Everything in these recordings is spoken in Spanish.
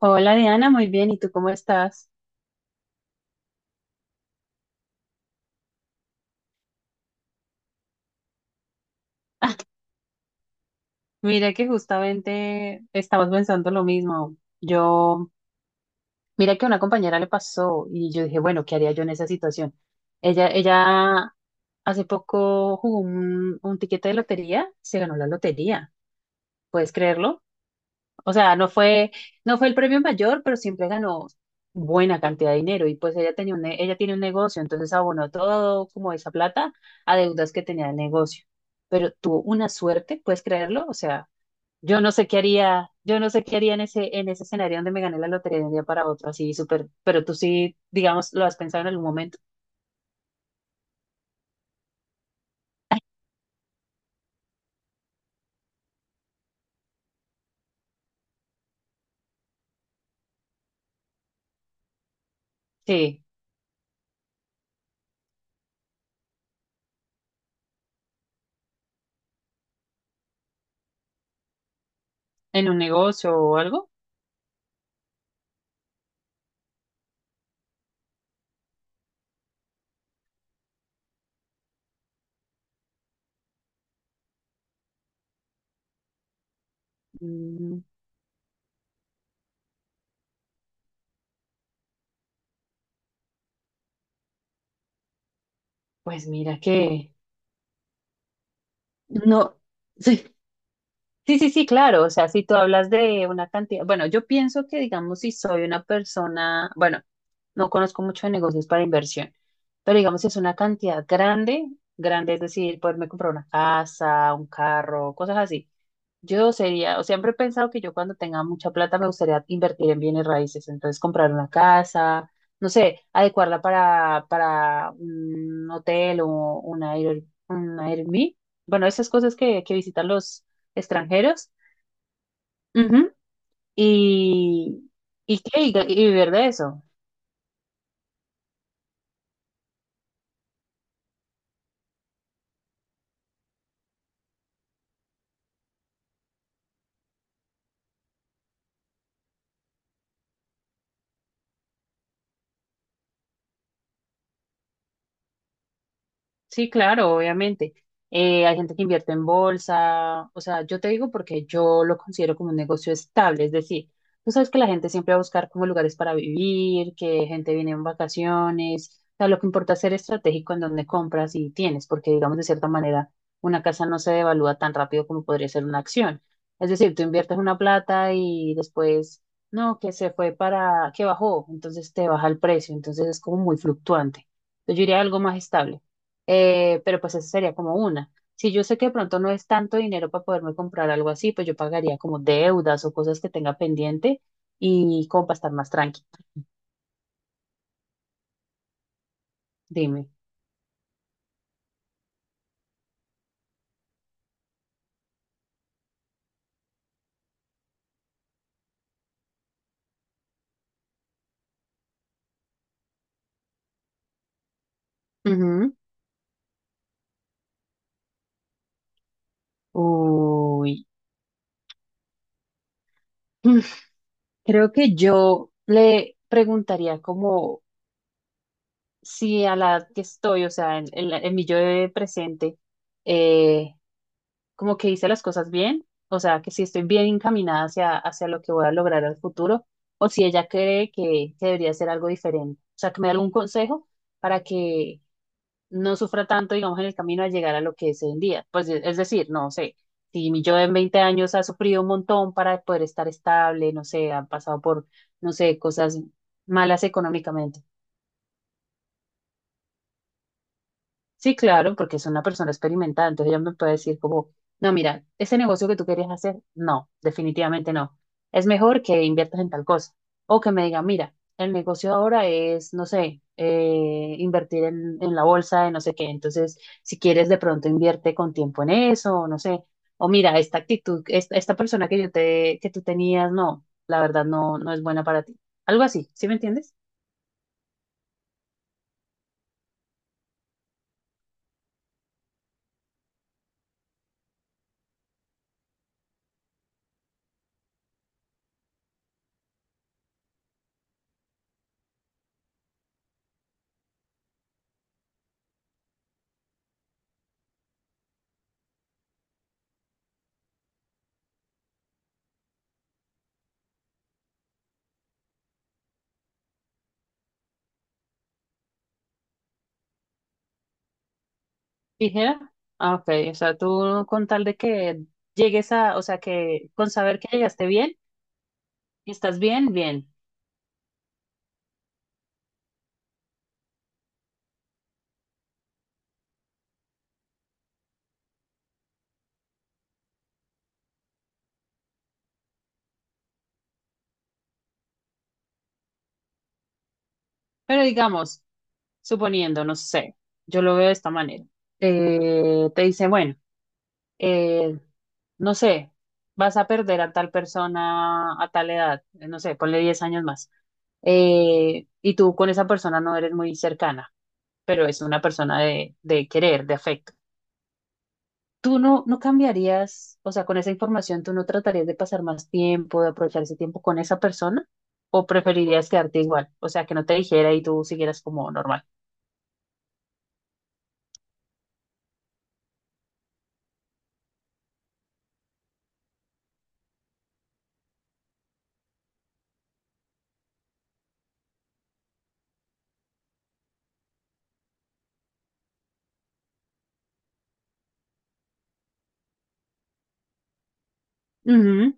Hola Diana, muy bien. ¿Y tú cómo estás? Mira que justamente estamos pensando lo mismo. Mira que a una compañera le pasó y yo dije, bueno, ¿qué haría yo en esa situación? Ella hace poco jugó un tiquete de lotería, se ganó la lotería. ¿Puedes creerlo? O sea, no fue el premio mayor, pero siempre ganó buena cantidad de dinero. Y pues ella tiene un negocio, entonces abonó todo como esa plata a deudas que tenía el negocio. Pero tuvo una suerte, ¿puedes creerlo? O sea, yo no sé qué haría, yo no sé qué haría en ese escenario donde me gané la lotería de un día para otro, así súper, pero tú sí, digamos, lo has pensado en algún momento. Sí, en un negocio o algo. Mm, Pues mira que no. Sí, sí, sí, claro. O sea, si tú hablas de una cantidad, bueno, yo pienso que, digamos, si soy una persona, bueno, no conozco mucho de negocios para inversión, pero digamos es una cantidad grande, grande, es decir, poderme comprar una casa, un carro, cosas así. Yo sería, o siempre he pensado que yo cuando tenga mucha plata me gustaría invertir en bienes raíces, entonces comprar una casa, no sé, adecuarla para un hotel o una air, un Airbnb, bueno, esas cosas que visitan los extranjeros. Ujú. y, y vivir de eso. Sí, claro, obviamente. Hay gente que invierte en bolsa, o sea, yo te digo porque yo lo considero como un negocio estable, es decir, tú sabes que la gente siempre va a buscar como lugares para vivir, que gente viene en vacaciones, o sea, lo que importa es ser estratégico en dónde compras y tienes, porque digamos de cierta manera una casa no se devalúa tan rápido como podría ser una acción. Es decir, tú inviertes una plata y después, no, que se fue para, que bajó, entonces te baja el precio, entonces es como muy fluctuante. Entonces, yo diría algo más estable. Pero pues esa sería como una. Si yo sé que de pronto no es tanto dinero para poderme comprar algo así, pues yo pagaría como deudas o cosas que tenga pendiente y como para estar más tranquila. Dime. Ujú. Uy. Creo que yo le preguntaría como si a la edad que estoy, o sea, en mi yo de presente, eh, como que hice las cosas bien, o sea, que si estoy bien encaminada hacia lo que voy a lograr al futuro, o si ella cree que debería hacer algo diferente. O sea, que me dé algún consejo para que no sufra tanto, digamos, en el camino a llegar a lo que es hoy en día. Pues e- es decir, no sé, si mi yo en 20 años ha sufrido un montón para poder estar estable, no sé, ha pasado por, no sé, cosas malas económicamente. Sí, claro, porque es una persona experimentada, entonces ella me puede decir como, no, mira, ese negocio que tú querías hacer, no, definitivamente no. Es mejor que inviertas en tal cosa. O que me diga, mira, el negocio ahora es, no sé, invertir en la bolsa de no sé qué. Entonces, si quieres, de pronto invierte con tiempo en eso, o no sé. O mira, esta actitud, esta persona que que tú tenías, no, la verdad no, no es buena para ti. Algo así, ¿sí me entiendes? ¿Tijera? Ah, ok. O sea, tú con tal de que llegues a, o sea, que con saber que llegaste bien y estás bien, bien. Pero digamos, suponiendo, no sé, yo lo veo de esta manera. Te dice, bueno, eh, no sé, vas a perder a tal persona a tal edad, no sé, ponle 10 años más. Y tú con esa persona no eres muy cercana, pero es una persona de querer, de afecto. ¿Tú no cambiarías, o sea, con esa información, tú no tratarías de pasar más tiempo, de aprovechar ese tiempo con esa persona? ¿O preferirías quedarte igual? O sea, que no te dijera y tú siguieras como normal. Ujú.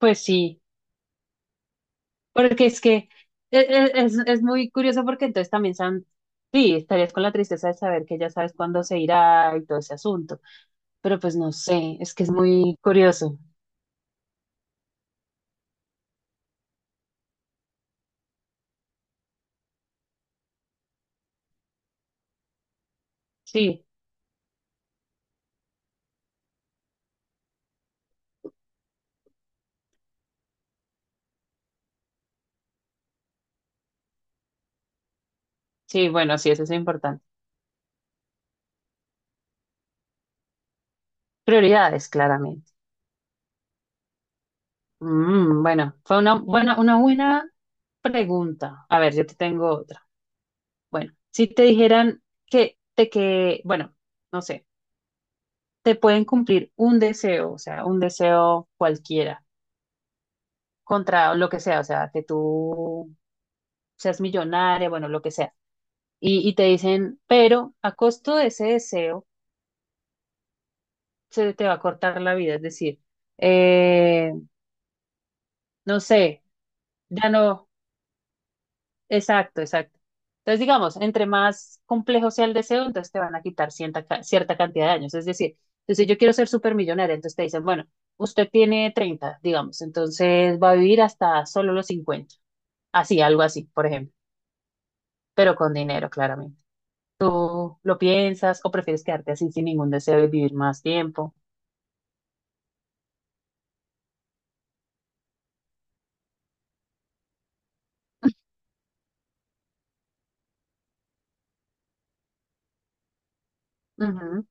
Pues sí, porque es que es muy curioso porque entonces también sí, estarías con la tristeza de saber que ya sabes cuándo se irá y todo ese asunto, pero pues no sé, es que es muy curioso. Sí, sí, bueno, sí, eso es importante. Prioridades, claramente. Bueno, fue una buena pregunta. A ver, yo te tengo otra. Bueno, si te dijeran que bueno, no sé, te pueden cumplir un deseo, o sea, un deseo cualquiera, contra lo que sea, o sea, que tú seas millonaria, bueno, lo que sea. Y te dicen, pero a costo de ese deseo se te va a cortar la vida, es decir, eh, no sé, ya no. Exacto, exacto. Entonces, digamos, entre más complejo sea el deseo, entonces te van a quitar cierta cantidad de años. Es decir, entonces si yo quiero ser supermillonaria, entonces te dicen, bueno, usted tiene 30, digamos, entonces va a vivir hasta solo los 50, así, algo así, por ejemplo, pero con dinero, claramente. ¿Tú lo piensas o prefieres quedarte así sin ningún deseo y vivir más tiempo? Ujú,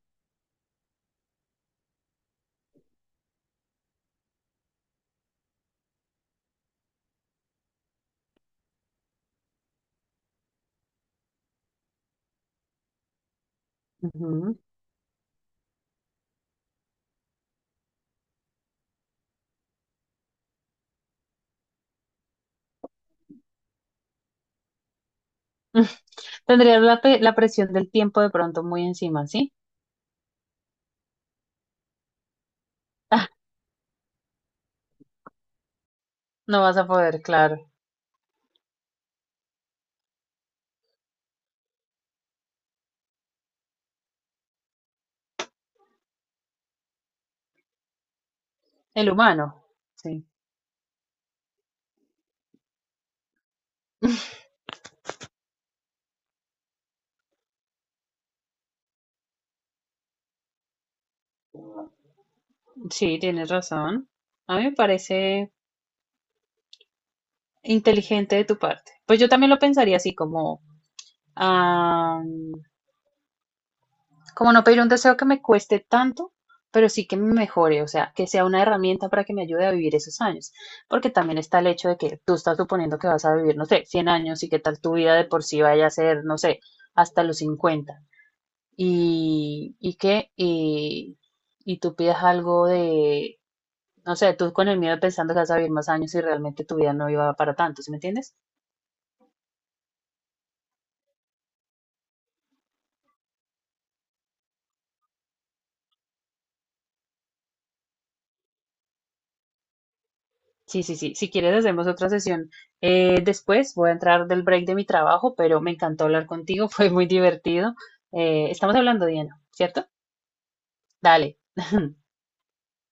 ujú. Tendrías la presión del tiempo de pronto muy encima, ¿sí? No vas a poder, claro. El humano, sí. Sí, tienes razón. A mí me parece inteligente de tu parte. Pues yo también lo pensaría así, como, ah, como no pedir un deseo que me cueste tanto, pero sí que me mejore, o sea, que sea una herramienta para que me ayude a vivir esos años. Porque también está el hecho de que tú estás suponiendo que vas a vivir, no sé, 100 años y que tal tu vida de por sí vaya a ser, no sé, hasta los 50. Y, y que, y, y tú pidas algo de no sé, tú con el miedo pensando que vas a vivir más años y realmente tu vida no iba para tanto, ¿sí me entiendes? Sí, sí, sí. Si quieres, hacemos otra sesión después. Voy a entrar del break de mi trabajo, pero me encantó hablar contigo, fue muy divertido. Estamos hablando, Diana, ¿cierto? Dale.